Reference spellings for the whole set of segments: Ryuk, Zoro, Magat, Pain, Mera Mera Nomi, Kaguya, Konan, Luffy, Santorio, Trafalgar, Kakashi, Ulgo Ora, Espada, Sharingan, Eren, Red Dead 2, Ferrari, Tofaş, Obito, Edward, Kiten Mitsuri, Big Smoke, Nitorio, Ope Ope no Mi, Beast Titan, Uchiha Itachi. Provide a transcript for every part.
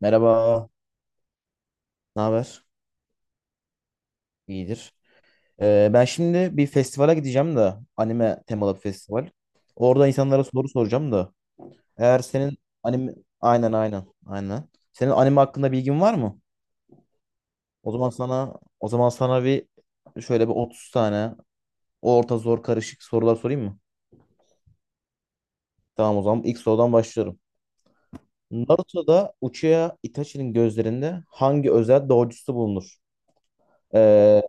Merhaba, ne haber? İyidir. Ben şimdi bir festivale gideceğim de anime temalı bir festival. Orada insanlara soru soracağım da. Eğer senin anime aynen aynen aynen. Senin anime hakkında bilgin var mı? O zaman sana O zaman sana bir şöyle bir 30 tane orta zor karışık sorular sorayım mı? Tamam o zaman ilk sorudan başlıyorum. Naruto'da Uchiha Itachi'nin gözlerinde hangi özel doğrucusu bulunur? Ee,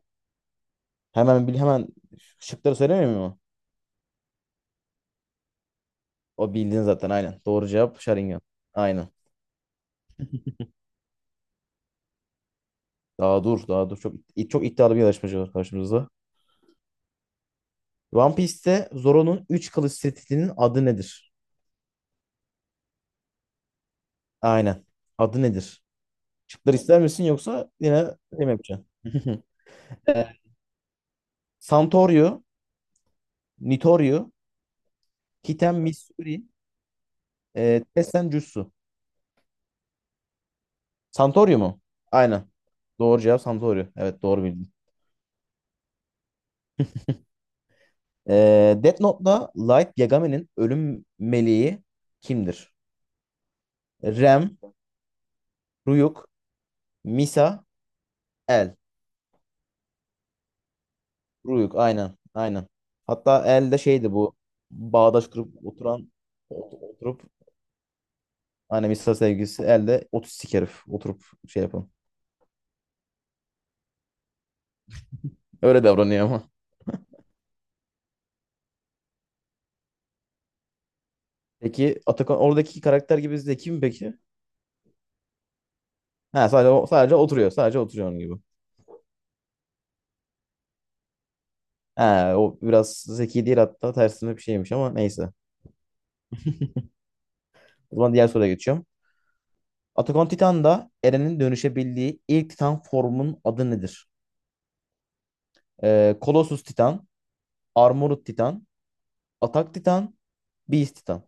Hemen bil hemen şıkları söylemiyor. O bildiğin zaten aynen. Doğru cevap Sharingan. Aynen. Daha dur daha dur. Çok, çok iddialı bir yarışmacı var karşımızda. One Piece'te Zoro'nun üç kılıç setinin adı nedir? Aynen. Adı nedir? Şıkları ister misin yoksa yine şey mi yapacaksın? Evet. Santorio, Nitorio, Kiten Mitsuri, Tessen Jutsu. Santorio mu? Aynen. Doğru cevap Santorio. Evet doğru bildin. E, Death Note'da Light Yagame'nin ölüm meleği kimdir? Rem, Ryuk, Misa, El. Ruyuk aynen. Aynen. Hatta El de şeydi bu. Bağdaş kurup oturan oturup hani Misa sevgilisi El de otistik herif. Oturup şey yapın. Öyle davranıyor ama. Peki Atakan oradaki karakter gibi zeki mi peki? Ha sadece oturuyor. Sadece oturuyor onun gibi. Ha o biraz zeki değil hatta tersine bir şeymiş ama neyse. O zaman diğer soruya geçiyorum. Attack on Titan'da Eren'in dönüşebildiği ilk Titan formunun adı nedir? Colossus Titan, Armored Titan, Atak Titan, Beast Titan.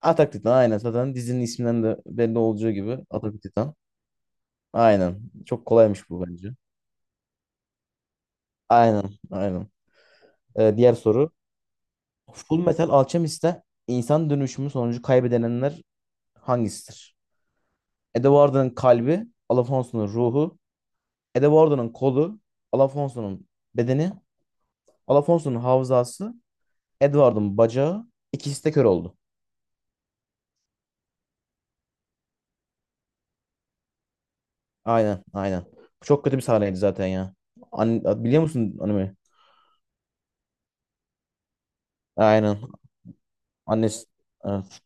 Atak Titan aynen zaten dizinin isminden de belli olacağı gibi Atak Titan. Aynen. Çok kolaymış bu bence. Aynen, aynen. Diğer soru. Full Metal Alchemist'te insan dönüşümü sonucu kaybedenler hangisidir? Edward'ın kalbi, Alphonso'nun ruhu, Edward'ın kolu, Alphonso'nun bedeni, Alphonso'nun hafızası, Edward'ın bacağı, ikisi de kör oldu. Aynen, aynen. Bu çok kötü bir sahneydi zaten ya. An biliyor musun anime? Aynen. Annesi, evet.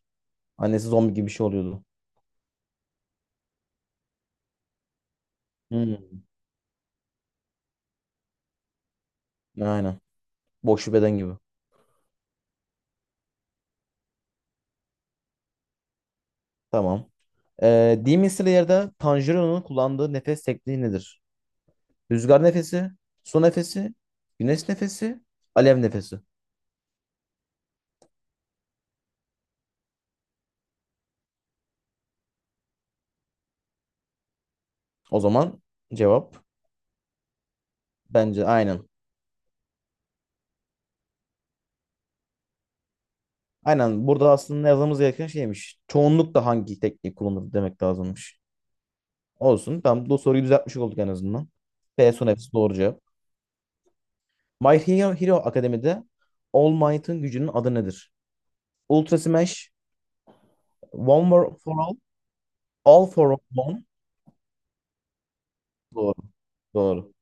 Annesi zombi gibi bir şey oluyordu. Hmm. Aynen. Boş bir beden gibi. Tamam. Demon Slayer'da Tanjiro'nun kullandığı nefes tekniği nedir? Rüzgar nefesi, su nefesi, güneş nefesi, alev nefesi. O zaman cevap bence aynen. Aynen. Burada aslında yazmamız gereken şeymiş. Çoğunlukla hangi tekniği kullanır demek lazımmış. Olsun. Tamam. Bu soruyu düzeltmiş olduk en azından. B su nefesi doğru cevap. My Hero Hero Akademi'de All Might'ın gücünün adı nedir? Ultra Smash, One for All, All for One. Doğru. Doğru.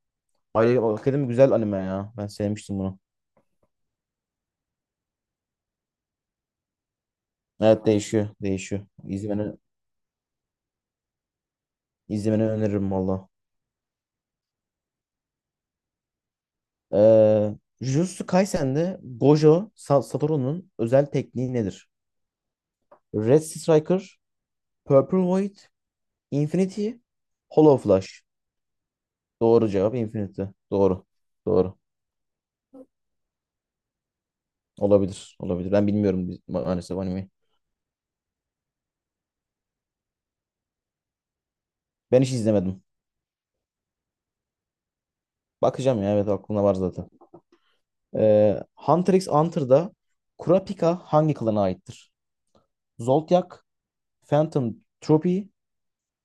Ay, hakikaten güzel anime ya. Ben sevmiştim bunu. Evet değişiyor. Değişiyor. İzlemeni öneririm valla. Ee, Jujutsu Kaisen'de Satoru'nun özel tekniği nedir? Red Striker, Purple Void, Infinity, Hollow Flash. Doğru cevap Infinity. Doğru. Doğru. Olabilir. Olabilir. Ben bilmiyorum maalesef animeyi. Ben hiç izlemedim. Bakacağım ya evet aklımda var zaten. Hunter x Hunter'da Kurapika hangi klana aittir? Zoltyak, Phantom Troopy,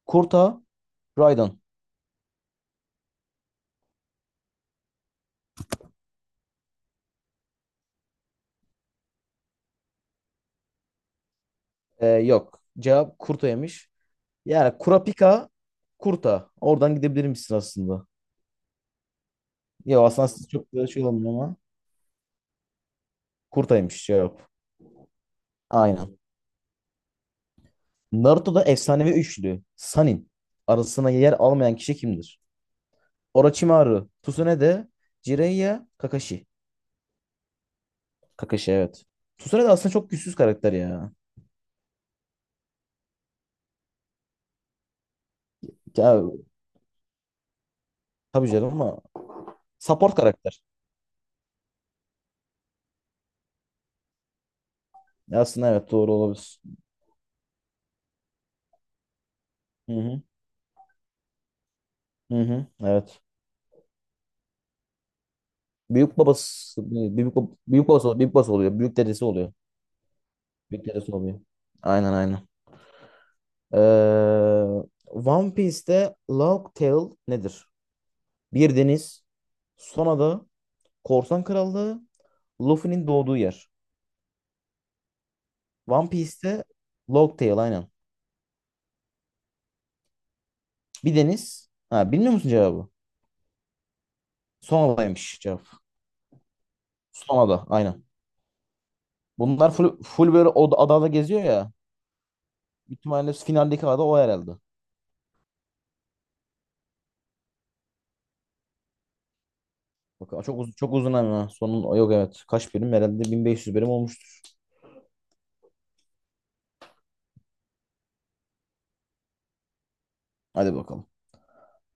Kurta, Raiden. Yok. Cevap Kurta'ymış. Yani Kurapika, Kurta. Oradan gidebilir misin aslında? Yok aslında siz çok da şey olmuyor ama. Kurta'ymış cevap. Aynen. Naruto'da efsanevi üçlü Sanin arasına yer almayan kişi kimdir? Orochimaru, Tsunade, Jiraiya, Kakashi. Kakashi evet. Tsunade aslında çok güçsüz karakter ya. Ya tabii canım ama support karakter. Aslında evet doğru olabilir. Hı hı. Hı hı. Evet. Büyük babası büyük babası oluyor. Büyük babası oluyor. Büyük dedesi oluyor. Büyük dedesi oluyor. Aynen aynen. Ee, One Piece'te Logtail nedir? Bir deniz, son ada, korsan krallığı, Luffy'nin doğduğu yer. One Piece'te Logtail aynen. Bir deniz. Ha, bilmiyor musun cevabı? Son adaymış cevap. Son ada aynen. Bunlar full böyle o adada geziyor ya. Büyük ihtimalle finaldeki ada o herhalde. Bak çok uzun çok uzun ama sonun yok evet. Kaç bölüm herhalde 1500 bölüm olmuştur. Hadi bakalım.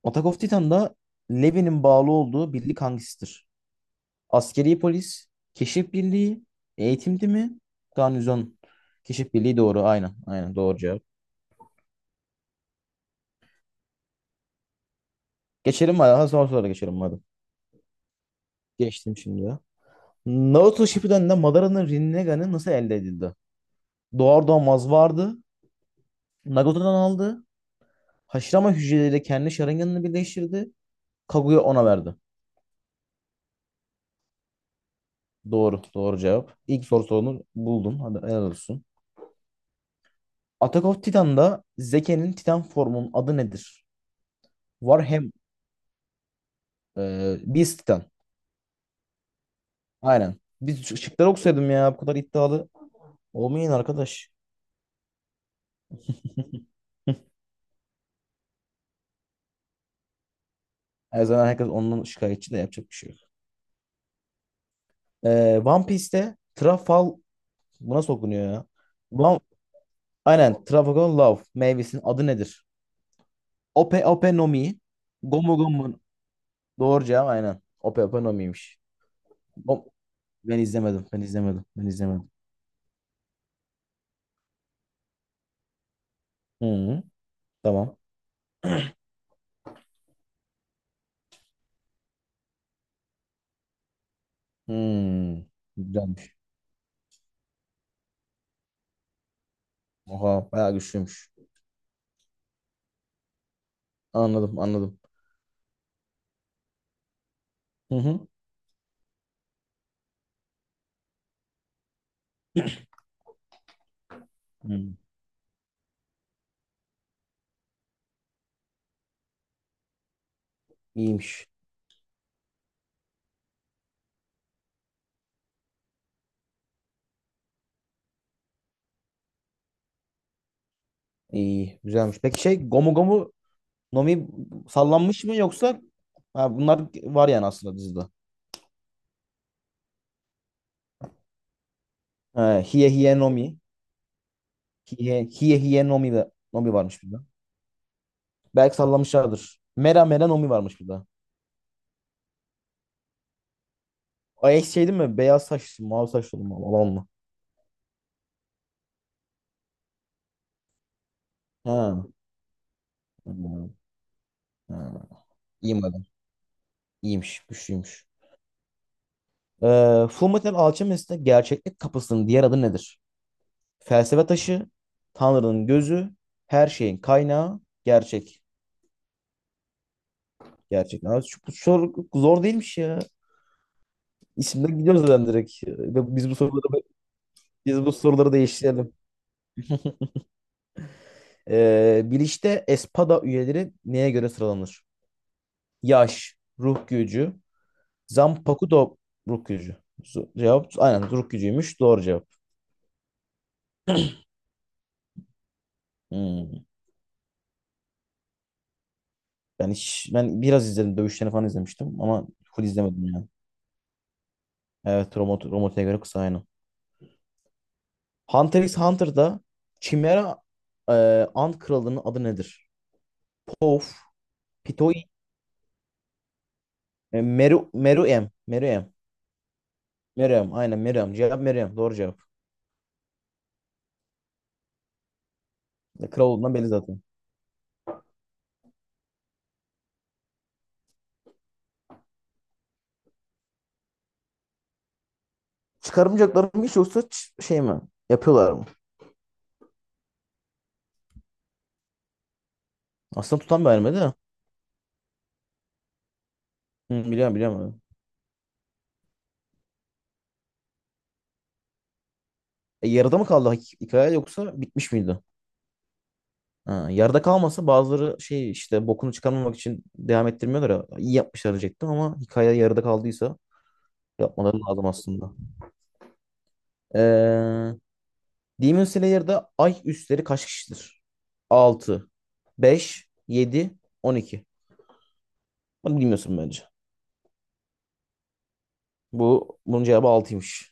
Attack of Titan'da Levi'nin bağlı olduğu birlik hangisidir? Askeri polis, keşif birliği, eğitim mi? Garnizon. Keşif birliği doğru. Aynen. Aynen doğru cevap. Geçelim hadi. Ha, son sorulara geçelim hadi. Geçtim şimdi ya. Naruto Shippuden'de Madara'nın Rinnegan'ı nasıl elde edildi? Doğar doğmaz vardı. Nagato'dan aldı. Haşlama hücreleriyle kendi şırınganını birleştirdi. Kaguya ona verdi. Doğru. Doğru cevap. İlk soru sorunu buldun. Hadi helal olsun. Attack of Titan'da Zeke'nin Titan formunun adı nedir? Warhammer. Beast Titan. Aynen. Biz şıkları okusaydım ya. Bu kadar iddialı. Olmayın arkadaş. Her zaman herkes ondan şikayetçi de yapacak bir şey yok. One Piece'te Trafal bu nasıl okunuyor ya? One... Aynen Trafalgar Love meyvesinin adı nedir? Ope Ope no Mi, Gomu Gomu doğru cevap aynen. Ope Ope Nomi'ymiş. O- Ben izlemedim. Ben izlemedim. Ben izlemedim. Hı, tamam. Hı, güzelmiş. Oha bayağı güçlüymüş. Anladım anladım. Hı hı. Hı. İyiymiş. İyi. Güzelmiş. Peki şey Gomu Gomu Nomi sallanmış mı yoksa ha, bunlar var yani aslında dizide. Ha, Hiye Hiye Nomi. De, Nomi varmış bir de. Belki sallamışlardır. Mera Mera Nomi varmış bir de. Ay şey değil mi? Beyaz saçlı, mavi saçlı olan mı? Ha. Hmm, ha. İyi madem. İyiymiş. Güçlüymüş. Fullmetal Alchemist'te gerçeklik kapısının diğer adı nedir? Felsefe taşı, Tanrı'nın gözü, her şeyin kaynağı, gerçek. Gerçek. Abi, şu, bu soru zor değilmiş ya. İsimden gidiyoruz zaten direkt. Ve biz bu soruları değiştirelim. Biliş'te Espada üyeleri neye göre sıralanır? Yaş, ruh gücü, Zanpakuto ruh gücü. Cevap aynen ruh gücüymüş. Doğru cevap. Hmm. Ben biraz izledim. Dövüşlerini falan izlemiştim ama full izlemedim yani. Evet, Romot'a göre kısa aynı. Hunter x Hunter'da Chimera e, Ant Kralı'nın adı nedir? Pof, Pitoy, e, Meru, Meruem, Meruem, Meruem, aynen Meruem. Cevap Meruem, doğru cevap. Kral olduğundan belli zaten. Çıkarımcakları mı hiç yoksa şey mi? Yapıyorlar mı? Aslında tutan bir anime de. Hı, biliyorum biliyorum. Yarıda mı kaldı hikaye yoksa bitmiş miydi? Ha, yarıda kalmasa bazıları şey işte bokunu çıkarmamak için devam ettirmiyorlar ya. İyi yapmışlar diyecektim ama hikaye yarıda kaldıysa yapmaları lazım aslında. Ee, Demon Slayer'da ay üstleri kaç kişidir? 6, 5, 7, 12. Bunu bilmiyorsun bence. Bu bunun cevabı altıymış.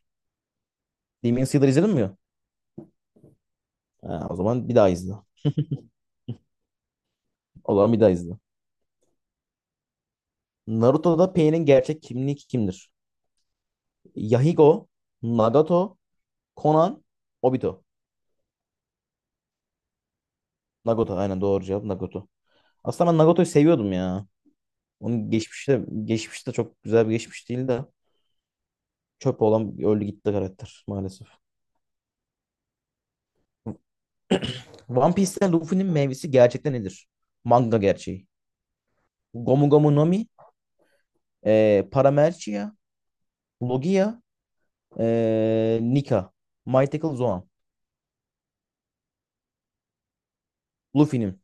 Demon Slayer izledin mi ya? Ha, o zaman bir daha izle. O zaman bir daha izle. Naruto'da Pain'in gerçek kimliği kimdir? Yahiko, Nagato, Konan, Obito. Nagato aynen doğru cevap Nagato. Aslında ben Nagato'yu seviyordum ya. Onun geçmişte çok güzel bir geçmiş değil de çöp olan öldü gitti karakter maalesef. One Piece'te Luffy'nin meyvesi gerçekten nedir? Manga gerçeği. Gomu Gomu Nami, Paramercia, Logia, Nika, Mythical Zoan. Luffy'nin.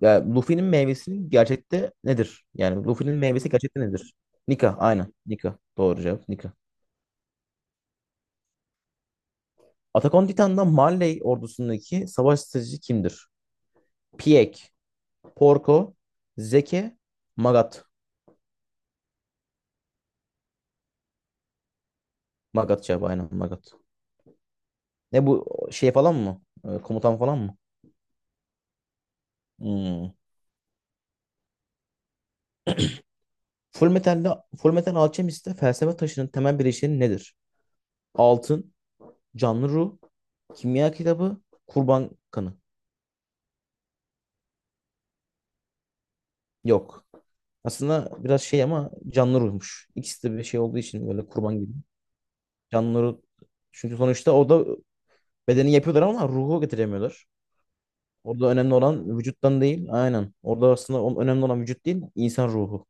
Yani Luffy'nin meyvesi gerçekte nedir? Yani Luffy'nin meyvesi gerçekte nedir? Nika, aynen. Nika. Doğru cevap. Nika. Attack on Titan'da Marley ordusundaki savaş stratejisi kimdir? Pieck. Porco, Zeki, Magat. Magat cevabı aynen Magat. Ne bu şey falan mı? Komutan falan mı? Hmm. Full Metal'de, Full Metal Alchemist'te felsefe taşının temel bileşeni nedir? Altın, canlı ruh, kimya kitabı, kurban kanı. Yok. Aslında biraz şey ama canlı ruhmuş. İkisi de bir şey olduğu için böyle kurban gibi. Canlı ruh. Çünkü sonuçta o da bedeni yapıyorlar ama ruhu getiremiyorlar. Orada önemli olan vücuttan değil. Aynen. Orada aslında önemli olan vücut değil, insan ruhu.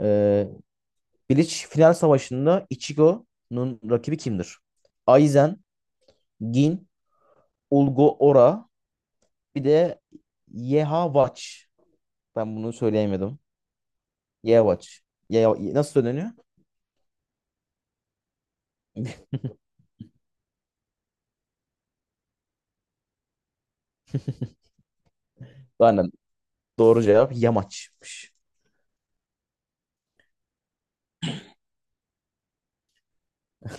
Ee, Bleach final savaşında Ichigo'nun rakibi kimdir? Aizen, Gin, Ulgo Ora, bir de Yehwach. Ben bunu söyleyemedim. Yehwach. Ye- nasıl söyleniyor? Aynen. Doğru cevap Yamaç'mış.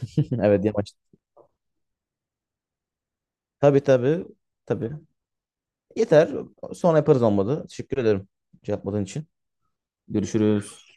Evet Yamaç. Tabii tabii. Tabii. Yeter. Sonra yaparız olmadı. Teşekkür ederim cevapladığın için. Görüşürüz.